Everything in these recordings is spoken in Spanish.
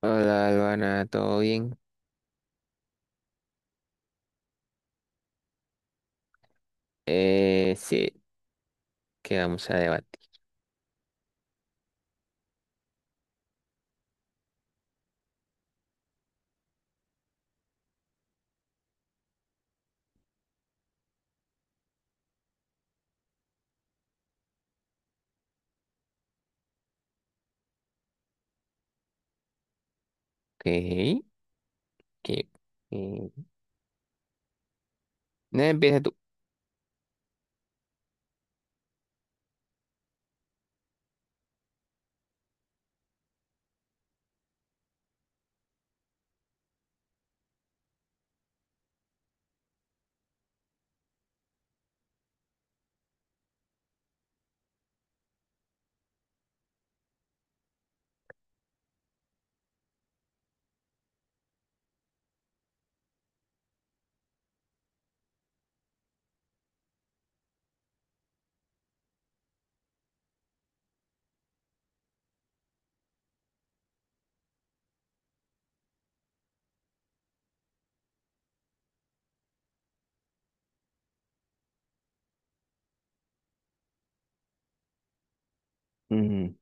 Hola, Luana, ¿todo bien? Sí, que vamos a debatir. Ok, que eh, no, empieza tú. Mm,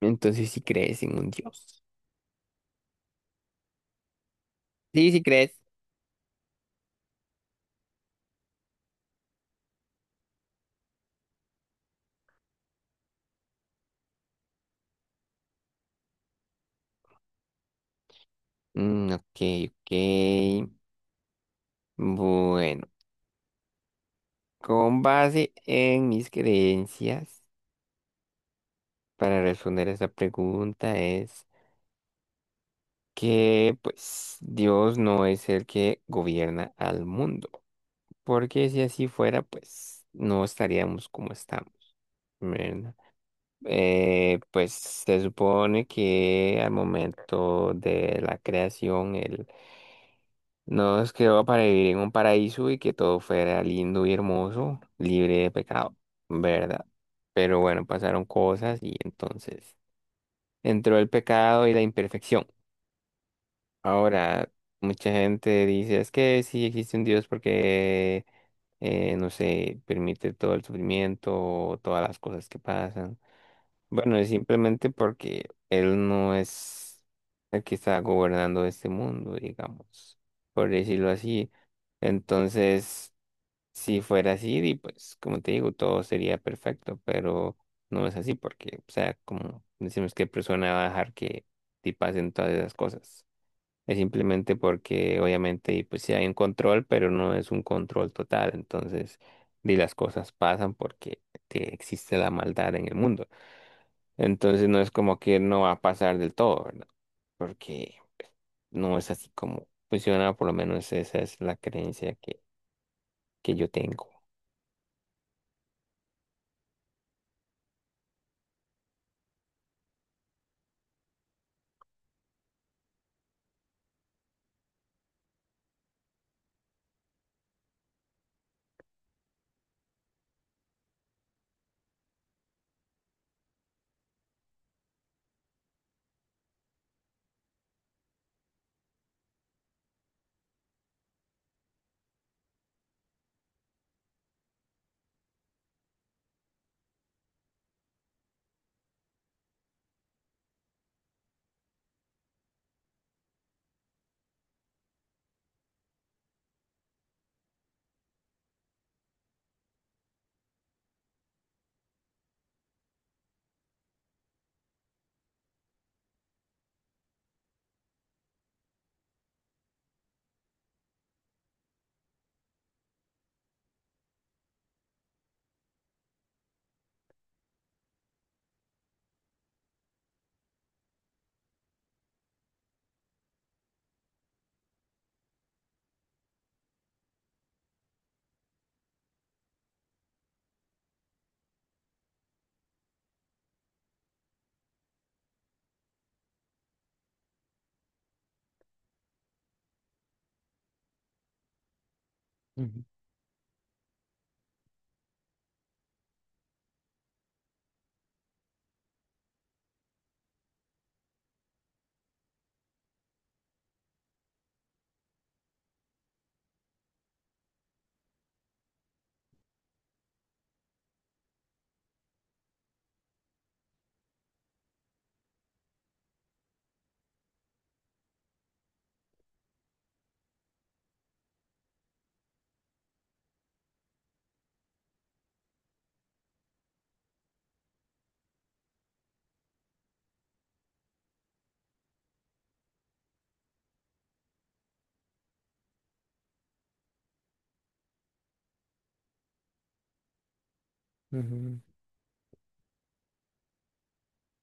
Entonces, si crees en un dios. Sí, sí crees. Mm, ok, ok. Bueno, con base en mis creencias, para responder a esta pregunta es que, pues, Dios no es el que gobierna al mundo. Porque si así fuera, pues, no estaríamos como estamos, ¿verdad? Pues se supone que al momento de la creación él nos creó para vivir en un paraíso y que todo fuera lindo y hermoso, libre de pecado, ¿verdad? Pero bueno, pasaron cosas y entonces entró el pecado y la imperfección. Ahora, mucha gente dice, es que sí existe un Dios porque, no sé, permite todo el sufrimiento, todas las cosas que pasan. Bueno, es simplemente porque él no es el que está gobernando este mundo, digamos, por decirlo así. Entonces, si fuera así, di, pues, como te digo, todo sería perfecto, pero no es así porque, o sea, como decimos, ¿qué persona va a dejar que te pasen todas esas cosas? Es simplemente porque obviamente y pues sí hay un control, pero no es un control total. Entonces, di las cosas pasan porque que existe la maldad en el mundo. Entonces no es como que no va a pasar del todo, ¿verdad? Porque pues, no es así como funciona, por lo menos esa es la creencia que yo tengo. Ujú, ujú.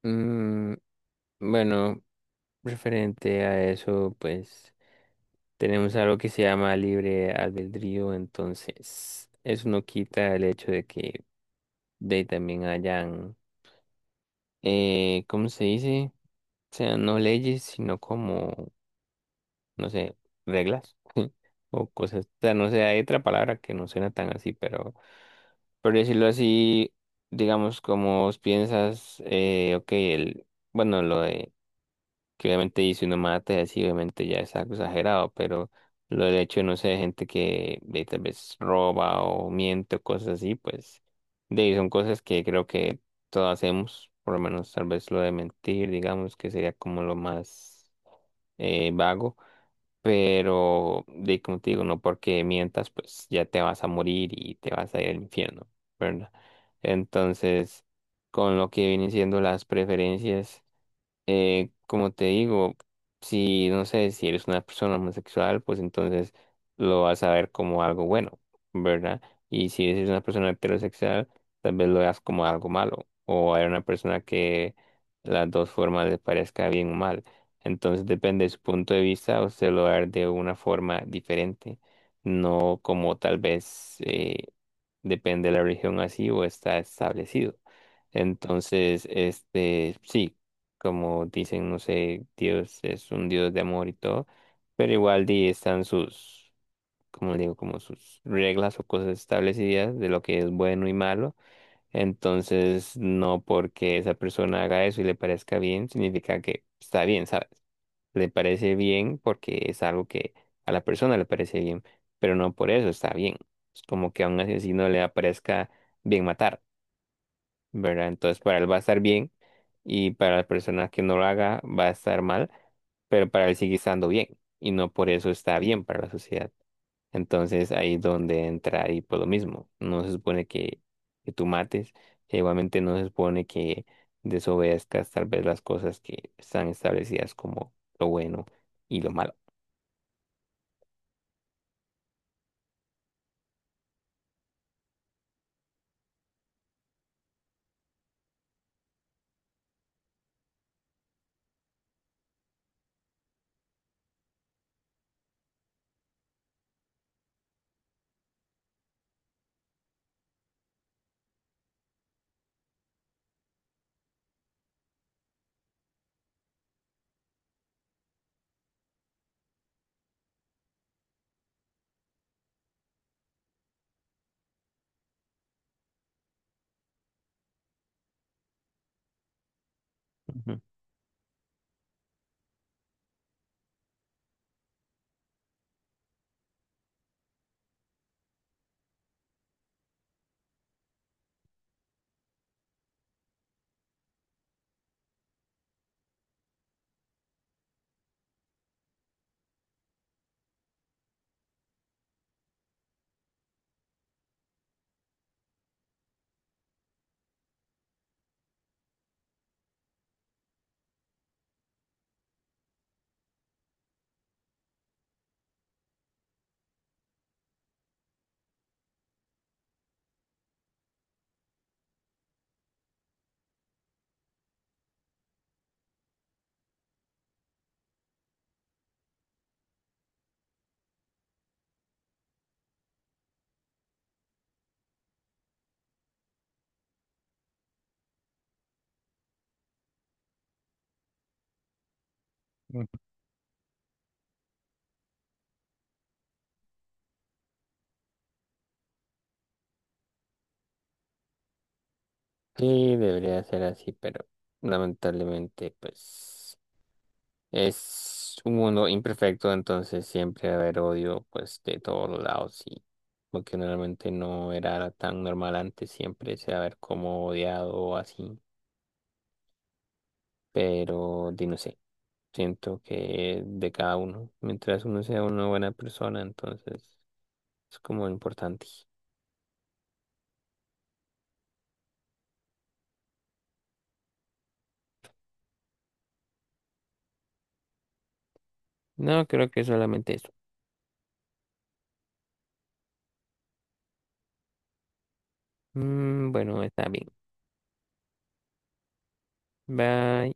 Mm, Bueno, referente a eso, pues tenemos algo que se llama libre albedrío, entonces eso no quita el hecho de que de ahí también hayan, ¿cómo se dice? O sea, no leyes, sino como, no sé, reglas o cosas. O sea, no sé, hay otra palabra que no suena tan así, pero por decirlo así, digamos, como vos piensas, ok, el, bueno, lo de... que obviamente y si uno mata y así, obviamente ya es algo exagerado, pero lo del hecho de, no sé, gente que de, tal vez roba o miente o cosas así, pues de ahí son cosas que creo que todos hacemos, por lo menos tal vez lo de mentir, digamos, que sería como lo más vago, pero de ahí, como te digo, no porque mientas, pues ya te vas a morir y te vas a ir al infierno, ¿verdad? Entonces, con lo que vienen siendo las preferencias como te digo, si no sé, si eres una persona homosexual, pues entonces lo vas a ver como algo bueno, ¿verdad? Y si eres una persona heterosexual, tal vez lo veas como algo malo, o hay una persona que las dos formas le parezca bien o mal. Entonces depende de su punto de vista, usted lo va a ver de una forma diferente, no como tal vez depende de la religión así o está establecido. Entonces, este, sí como dicen, no sé, Dios es un Dios de amor y todo, pero igual di, están sus, como digo, como sus reglas o cosas establecidas de lo que es bueno y malo. Entonces, no porque esa persona haga eso y le parezca bien, significa que está bien, ¿sabes? Le parece bien porque es algo que a la persona le parece bien, pero no por eso está bien. Es como que a un asesino le aparezca bien matar. ¿Verdad? Entonces para él va a estar bien y para la persona que no lo haga va a estar mal, pero para él sigue estando bien y no por eso está bien para la sociedad. Entonces ahí es donde entra ahí por lo mismo. No se supone que tú mates, e igualmente no se supone que desobedezcas tal vez las cosas que están establecidas como lo bueno y lo malo. Ujú. Ujú. Sí, debería ser así, pero lamentablemente pues... Es un mundo imperfecto, entonces siempre va a haber odio, pues, de todos los lados, y lo que normalmente no era tan normal antes, siempre se va a ver como odiado o así, pero di no sé, siento que de cada uno, mientras uno sea una buena persona, entonces es como importante. No, creo que solamente eso. Mm, bueno, está bien. Bye.